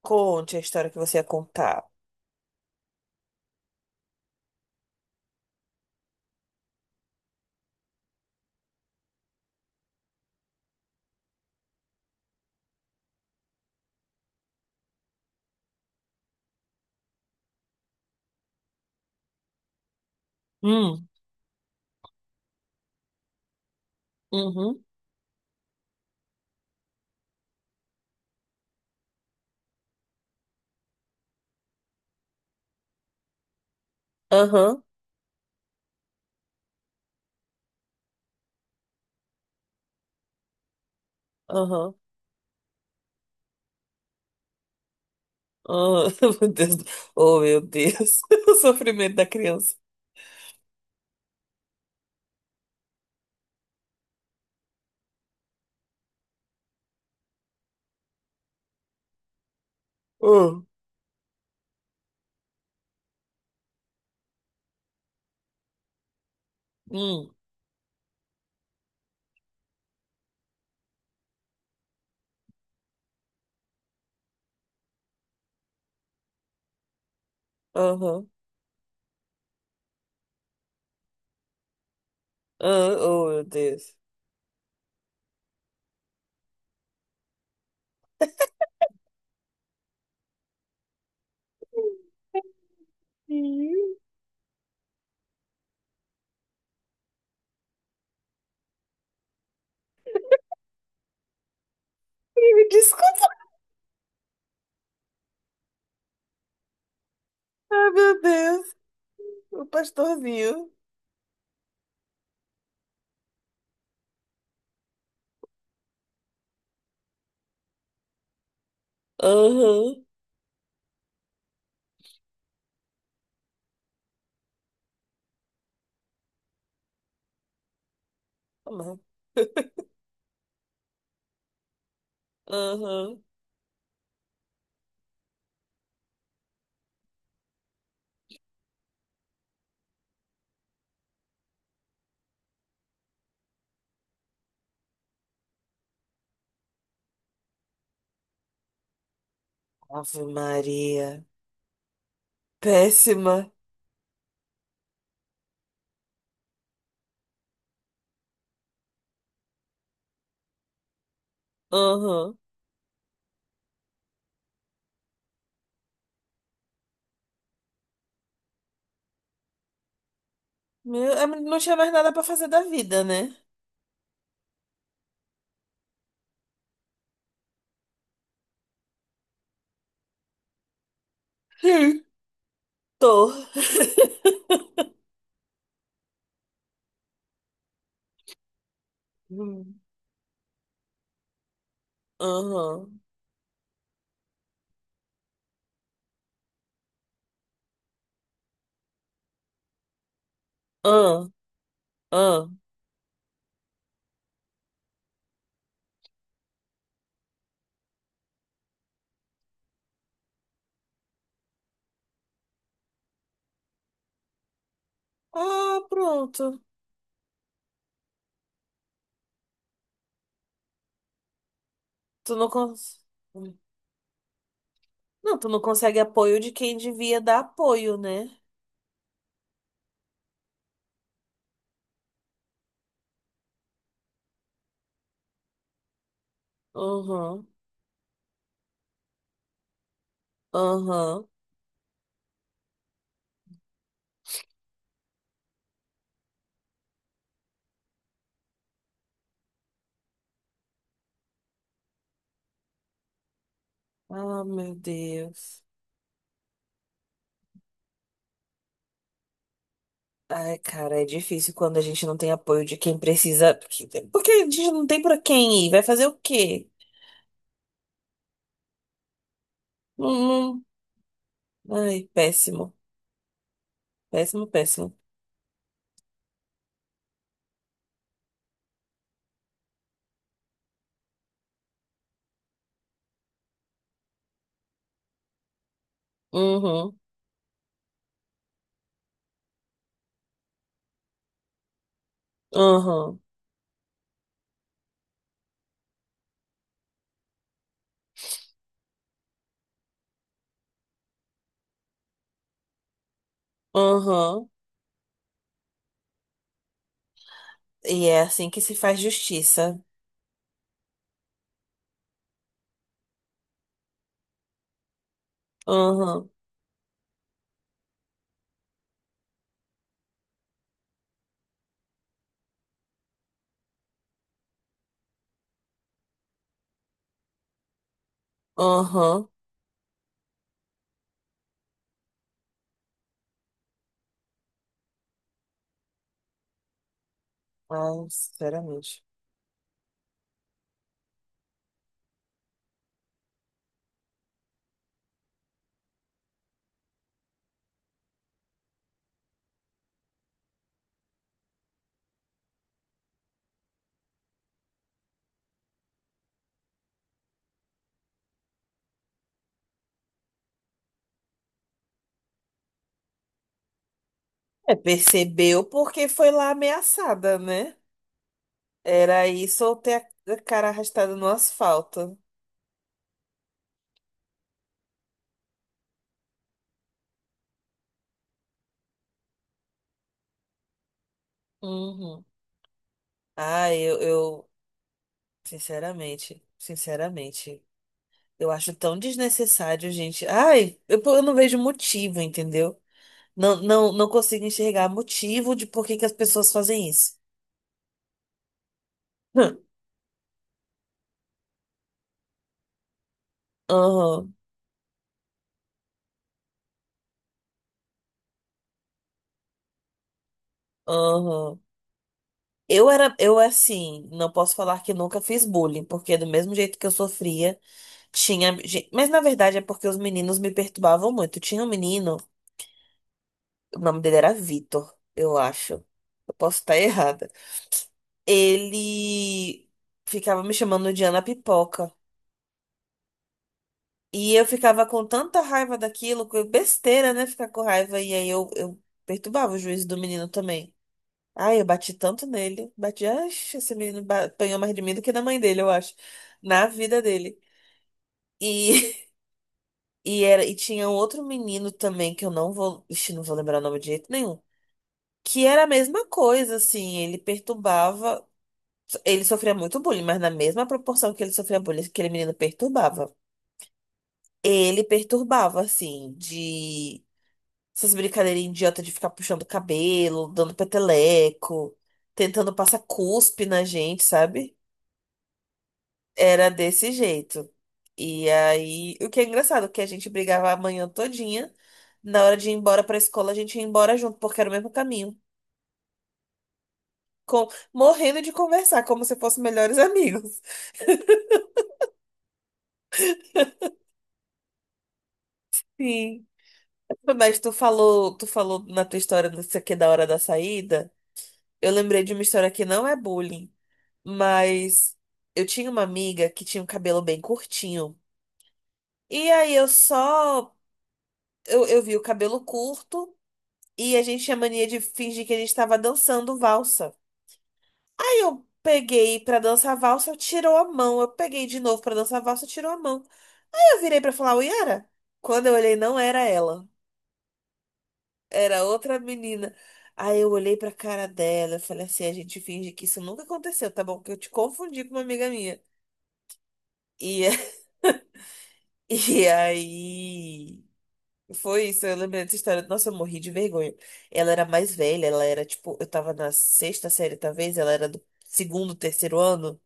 Conte a história que você ia contar. Hum, uhum, aham, aham, aham. Meu Deus. Oh, meu Deus. O sofrimento da criança. Oh, hum, aham, ah, oh, meu Deus. Ih, me desculpa. Ah, meu Deus. O pastorzinho. Aham, aham, aham. Ave Maria. Péssima. Aham. Meu, é, não tinha mais nada pra fazer da vida, né? Sim. Tô. Hum. Aham. Ah, ah. Ah, pronto. Tu não cons... Não, tu não consegue apoio de quem devia dar apoio, né? Aham. Aham. Ah, meu Deus. Ai, cara, é difícil quando a gente não tem apoio de quem precisa. Porque porque a gente não tem pra quem ir. Vai fazer o quê? Não, ai, péssimo. Péssimo, péssimo. Uhum, uhum, uhum. E é assim que se faz justiça. Uhum, uhum. Ai, sinceramente. É, percebeu porque foi lá ameaçada, né? Era isso ou ter a cara arrastada no asfalto. Uhum. Ah eu, sinceramente, sinceramente, eu acho tão desnecessário, gente. Ai, eu não vejo motivo, entendeu? Não, não, não consigo enxergar motivo de por que que as pessoas fazem isso. Hum. Aham, aham. Eu era, eu assim, não posso falar que nunca fiz bullying, porque do mesmo jeito que eu sofria, tinha. Mas na verdade é porque os meninos me perturbavam muito. Tinha um menino, o nome dele era Vitor, eu acho. Eu posso estar errada. Ele ficava me chamando de Ana Pipoca. E eu ficava com tanta raiva daquilo, que besteira, né? Ficar com raiva. E aí eu perturbava o juízo do menino também. Ai, eu bati tanto nele. Bati, ai, esse menino apanhou mais de mim do que da mãe dele, eu acho. Na vida dele. E, e, era, e tinha um outro menino também, que eu não vou. Ixi, não vou lembrar o nome de jeito nenhum. Que era a mesma coisa, assim. Ele perturbava. Ele sofria muito bullying, mas na mesma proporção que ele sofria bullying, aquele menino perturbava. Ele perturbava, assim, de. Essas brincadeirinhas idiota de ficar puxando o cabelo, dando peteleco, tentando passar cuspe na gente, sabe? Era desse jeito. E aí, o que é engraçado, que a gente brigava a manhã todinha. Na hora de ir embora pra escola, a gente ia embora junto, porque era o mesmo caminho. Com... Morrendo de conversar, como se fossem melhores amigos. Sim. Mas tu falou na tua história, não sei o que, é da hora da saída. Eu lembrei de uma história que não é bullying. Mas eu tinha uma amiga que tinha um cabelo bem curtinho. E aí eu só. Eu vi o cabelo curto e a gente tinha mania de fingir que a gente tava dançando valsa. Aí eu peguei pra dançar valsa, eu tirou a mão. Eu peguei de novo pra dançar valsa, tirou a mão. Aí eu virei pra falar, oi, Yara? Quando eu olhei, não era ela. Era outra menina. Aí eu olhei pra cara dela, eu falei assim, a gente finge que isso nunca aconteceu, tá bom? Que eu te confundi com uma amiga minha. E, e aí. Foi isso, eu lembrei dessa história. Nossa, eu morri de vergonha. Ela era mais velha, ela era tipo, eu tava na sexta série, talvez, ela era do segundo, terceiro ano.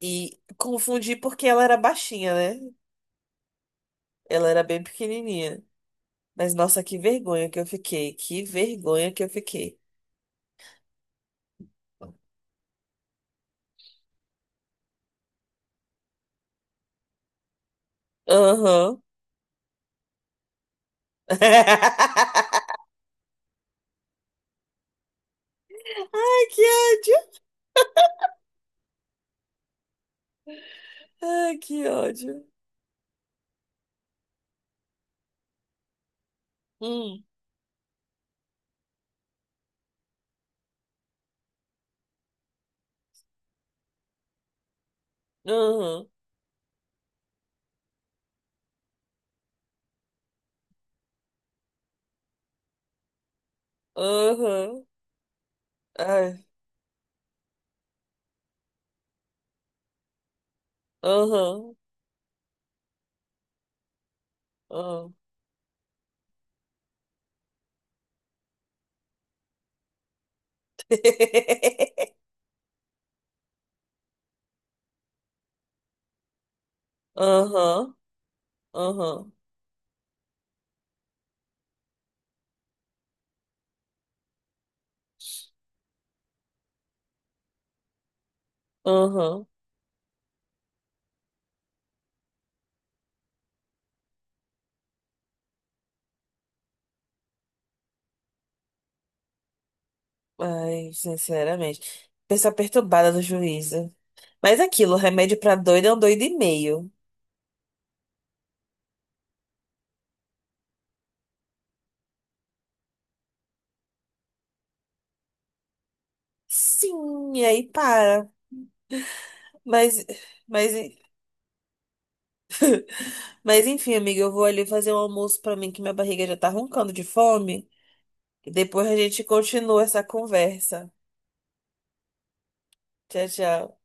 E confundi porque ela era baixinha, né? Ela era bem pequenininha. Mas nossa, que vergonha que eu fiquei. Que vergonha que eu fiquei. Aham. Ai, que ódio. Ai, que ódio. Hum, aham, aham. Ai, aham, aham. Aham, aham. Aham. Ai, sinceramente. Pessoa perturbada do juízo. Mas aquilo, remédio pra doido é um doido e meio. Sim, e aí para. Mas, mas, mas enfim, amiga, eu vou ali fazer um almoço pra mim, que minha barriga já tá roncando de fome. E depois a gente continua essa conversa. Tchau, tchau.